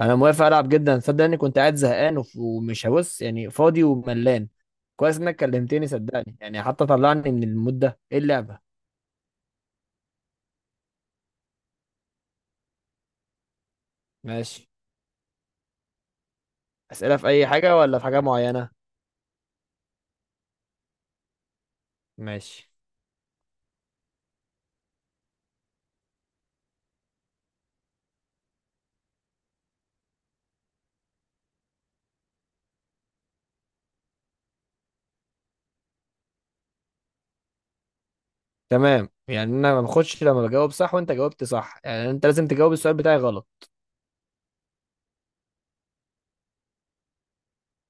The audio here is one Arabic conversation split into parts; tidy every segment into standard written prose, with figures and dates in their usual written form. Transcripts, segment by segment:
انا موافق العب جدا، صدق اني كنت قاعد زهقان ومش هبص، يعني فاضي وملان. كويس انك كلمتني صدقني، يعني حتى طلعني من المود ده. ايه اللعبه؟ ماشي. اسئله في اي حاجه ولا في حاجه معينه؟ ماشي. تمام، يعني انا ما باخدش لما بجاوب صح وانت جاوبت صح، يعني انت لازم تجاوب السؤال بتاعي غلط.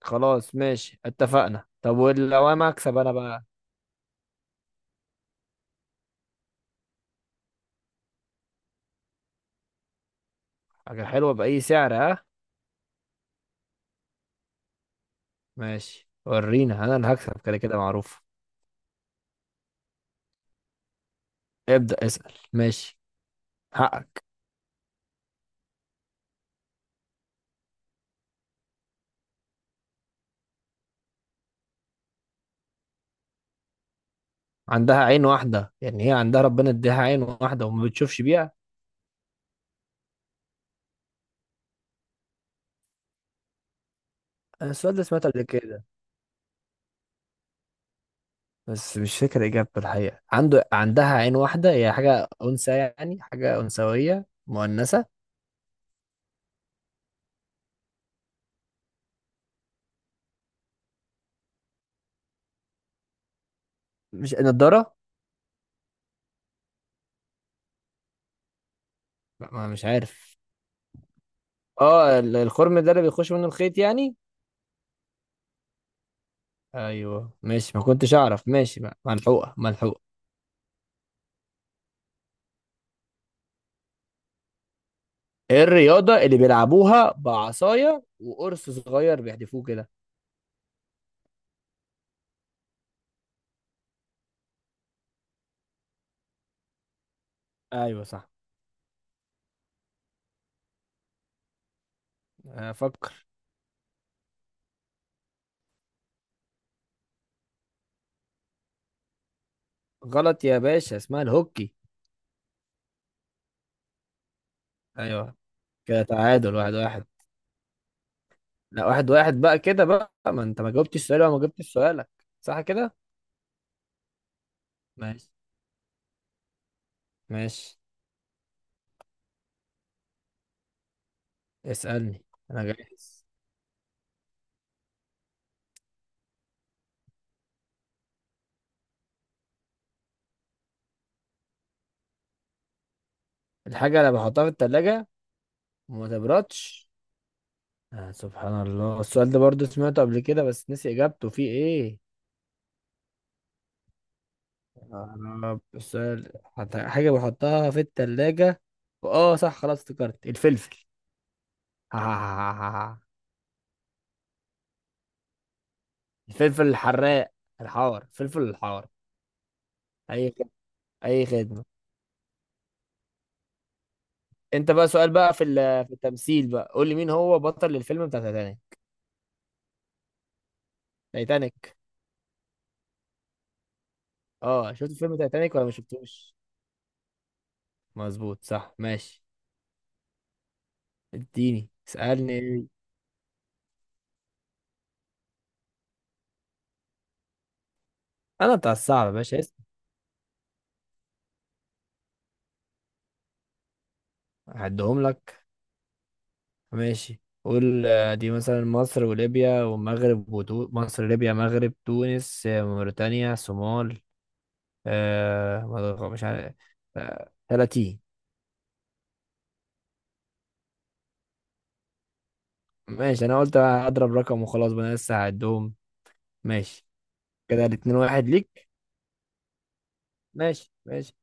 خلاص ماشي اتفقنا. طب ولو انا اكسب، انا بقى؟ حاجه حلوه باي سعر، ها؟ ماشي ورينا، انا اللي هكسب كده كده معروف. ابدا اسال، ماشي. حقك. عندها عين واحدة، يعني هي عندها ربنا اديها عين واحدة وما بتشوفش بيها؟ أنا السؤال ده سمعته قبل كده بس مش فاكر إجابته. الحقيقة عندها عين واحدة، هي حاجة أنثى، يعني حاجة أنثوية مؤنثة. مش نضارة؟ لا، ما مش عارف. اه، الخرم ده اللي بيخش منه الخيط يعني؟ ايوه ماشي، ما كنتش اعرف. ماشي بقى، ملحوقة ملحوقة. ايه الرياضة اللي بيلعبوها بعصاية وقرص صغير بيحدفوه كده؟ ايوه صح. افكر. غلط يا باشا، اسمها الهوكي. ايوه. كده تعادل واحد واحد. لا، واحد واحد بقى كده بقى، ما انت ما جاوبتش السؤال وما جبتش سؤالك. صح كده؟ ماشي. ماشي. اسألني. انا جاهز. الحاجة اللي بحطها في التلاجة وما تبردش. آه سبحان الله، السؤال ده برضو سمعته قبل كده بس نسي اجابته فيه ايه. يا رب، السؤال، حاجة بحطها في التلاجة. اه صح، خلاص افتكرت الفلفل. الفلفل الحراق، الحار، الفلفل الحار. اي خدمة، اي خدمة. انت بقى سؤال بقى، في التمثيل بقى. قول لي مين هو بطل الفيلم بتاع تايتانيك؟ تايتانيك. اه، شفت فيلم تايتانيك ولا ما شفتوش؟ مظبوط صح، ماشي. اديني اسالني. انا بتاع الصعب يا باشا، اسم. هعدهم لك. ماشي قول. دي مثلا مصر وليبيا والمغرب مصر، ليبيا، مغرب، تونس، موريتانيا، صومال، مش عارف. 30. ماشي، انا قلت هضرب رقم وخلاص بقى، انا لسه هعدهم. ماشي. كده الاتنين واحد ليك. ماشي، ماشي.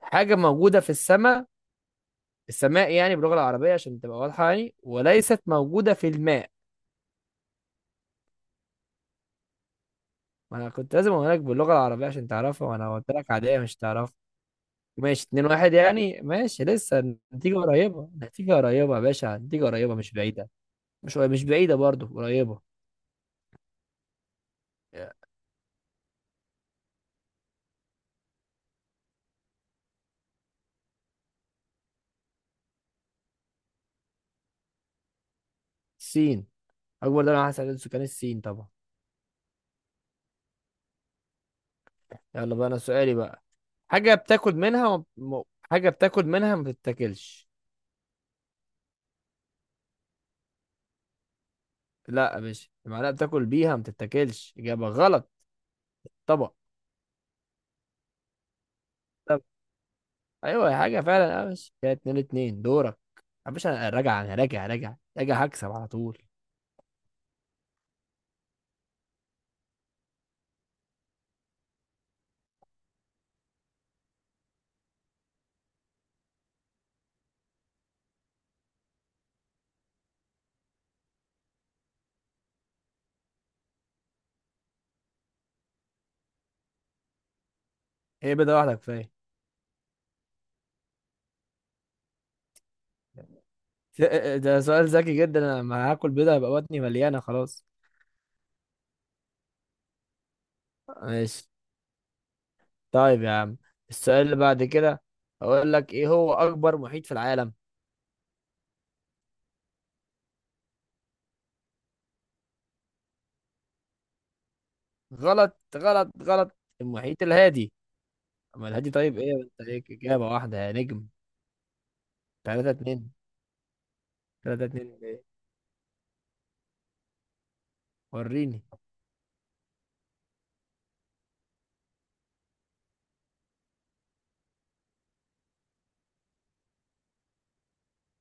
حاجة موجودة في السماء. السماء يعني باللغة العربية عشان تبقى واضحة، يعني وليست موجودة في الماء. ما أنا كنت لازم أقول لك باللغة العربية عشان تعرفها، وأنا قلت لك عادية مش تعرفها. ماشي اتنين واحد يعني. ماشي، لسه النتيجة قريبة، النتيجة قريبة يا باشا، النتيجة قريبة مش بعيدة. مش بعيدة برضو، قريبة. الصين. أكبر دولة على حسب عدد سكان، الصين طبعا. يلا بقى أنا سؤالي بقى. حاجة بتاكل منها حاجة بتاكل منها ما بتتاكلش. لا يا باشا، المعلقة بتاكل بيها ما بتتاكلش، إجابة غلط. طبعا. ايوه حاجه فعلا. اه بس كده اتنين اتنين، دورك يا باشا. انا راجع، انا راجع راجع راجع، هكسب على طول. هي بيضه واحده كفايه. ده سؤال ذكي جدا، انا لما هاكل بيضه هيبقى بطني مليانه خلاص. ماشي. طيب يا عم، السؤال اللي بعد كده، هقول لك ايه هو اكبر محيط في العالم؟ غلط غلط غلط. المحيط الهادي. اما الهادي، طيب ايه؟ انت ليك اجابه واحده يا نجم. 3 2. 3 2 ايه، وريني.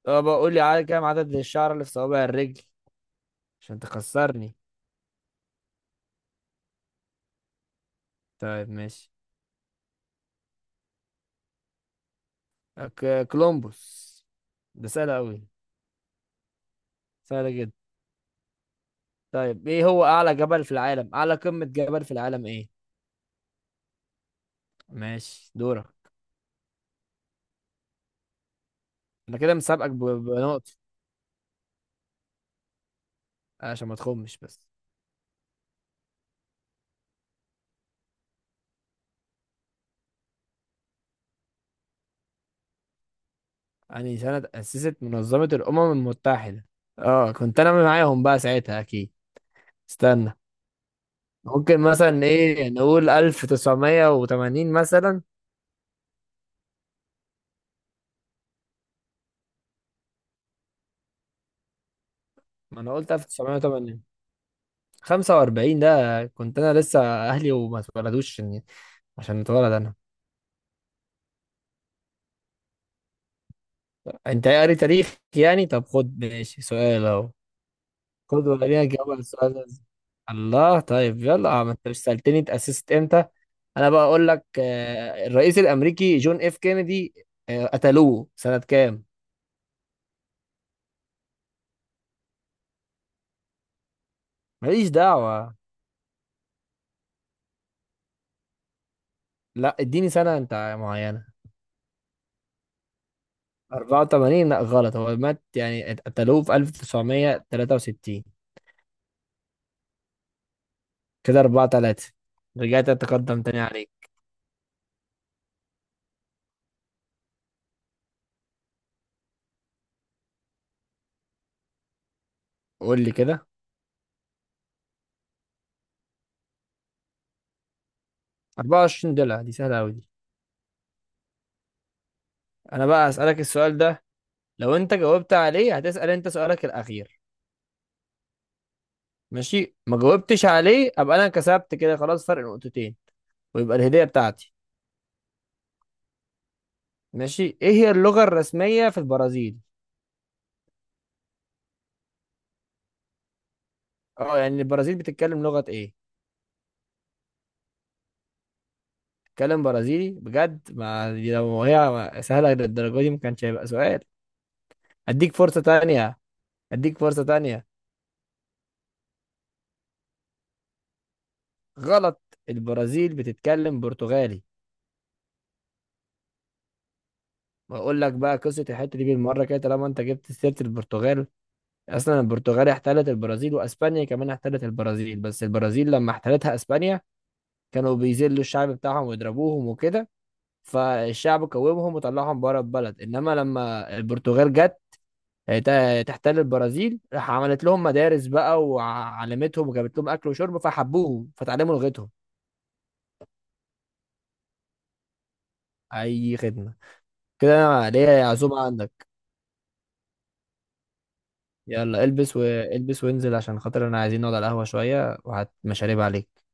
طب قول لي كام عدد الشعر اللي في صوابع الرجل، عشان تخسرني؟ طيب ماشي. كولومبوس. ده سهلة أوي. سهلة جدا. طيب، إيه هو أعلى جبل في العالم؟ أعلى قمة جبل في العالم إيه؟ ماشي دورك. أنا كده مسابقك بنقطة. عشان ما تخمش بس. يعني سنة أسست منظمة الأمم المتحدة؟ أه، كنت أنا معاهم بقى ساعتها أكيد. استنى. ممكن مثلا إيه، نقول 1980 مثلا؟ ما أنا قلت 1980. خمسة وأربعين ده كنت أنا لسه أهلي وما اتولدوش، عشان أتولد أنا. انت ايه، قاري تاريخ يعني؟ طب خد، ماشي، سؤال اهو. خد وريني اجاوب على السؤال ده إزاي. الله طيب، يلا. ما انت مش سألتني اتأسست امتى. انا بقى اقول لك، الرئيس الامريكي جون اف كينيدي، قتلوه سنة كام؟ ماليش دعوة. لا، اديني سنة انت معينة. 84. لا غلط، هو مات يعني قتلوه في 1963. كده 4 3. رجعت اتقدم تاني عليك. قول لي كده. $24، دي سهلة قوي دي. انا بقى اسألك السؤال ده، لو انت جاوبت عليه هتسأل انت سؤالك الاخير. ماشي. ما جاوبتش عليه ابقى انا كسبت كده خلاص، فرق نقطتين، ويبقى الهدية بتاعتي. ماشي. ايه هي اللغة الرسمية في البرازيل؟ اه، يعني البرازيل بتتكلم لغة ايه؟ بتتكلم برازيلي بجد؟ ما دي لو هي سهلة للدرجة دي ما كانش هيبقى سؤال. اديك فرصة تانية، اديك فرصة تانية. غلط، البرازيل بتتكلم برتغالي. بقول لك بقى قصة الحتة دي بالمرة كده طالما انت جبت سيرة البرتغال. اصلا البرتغال احتلت البرازيل، واسبانيا كمان احتلت البرازيل، بس البرازيل لما احتلتها اسبانيا كانوا بيذلوا الشعب بتاعهم ويضربوهم وكده، فالشعب قومهم وطلعهم بره البلد. انما لما البرتغال جت تحتل البرازيل، راح عملت لهم مدارس بقى وعلمتهم وجابت لهم اكل وشرب فحبوهم فتعلموا لغتهم. اي خدمه. كده انا ليا عزومه عندك. يلا البس والبس وانزل، عشان خاطر انا عايزين نقعد على القهوه شويه وهات مشاريب عليك.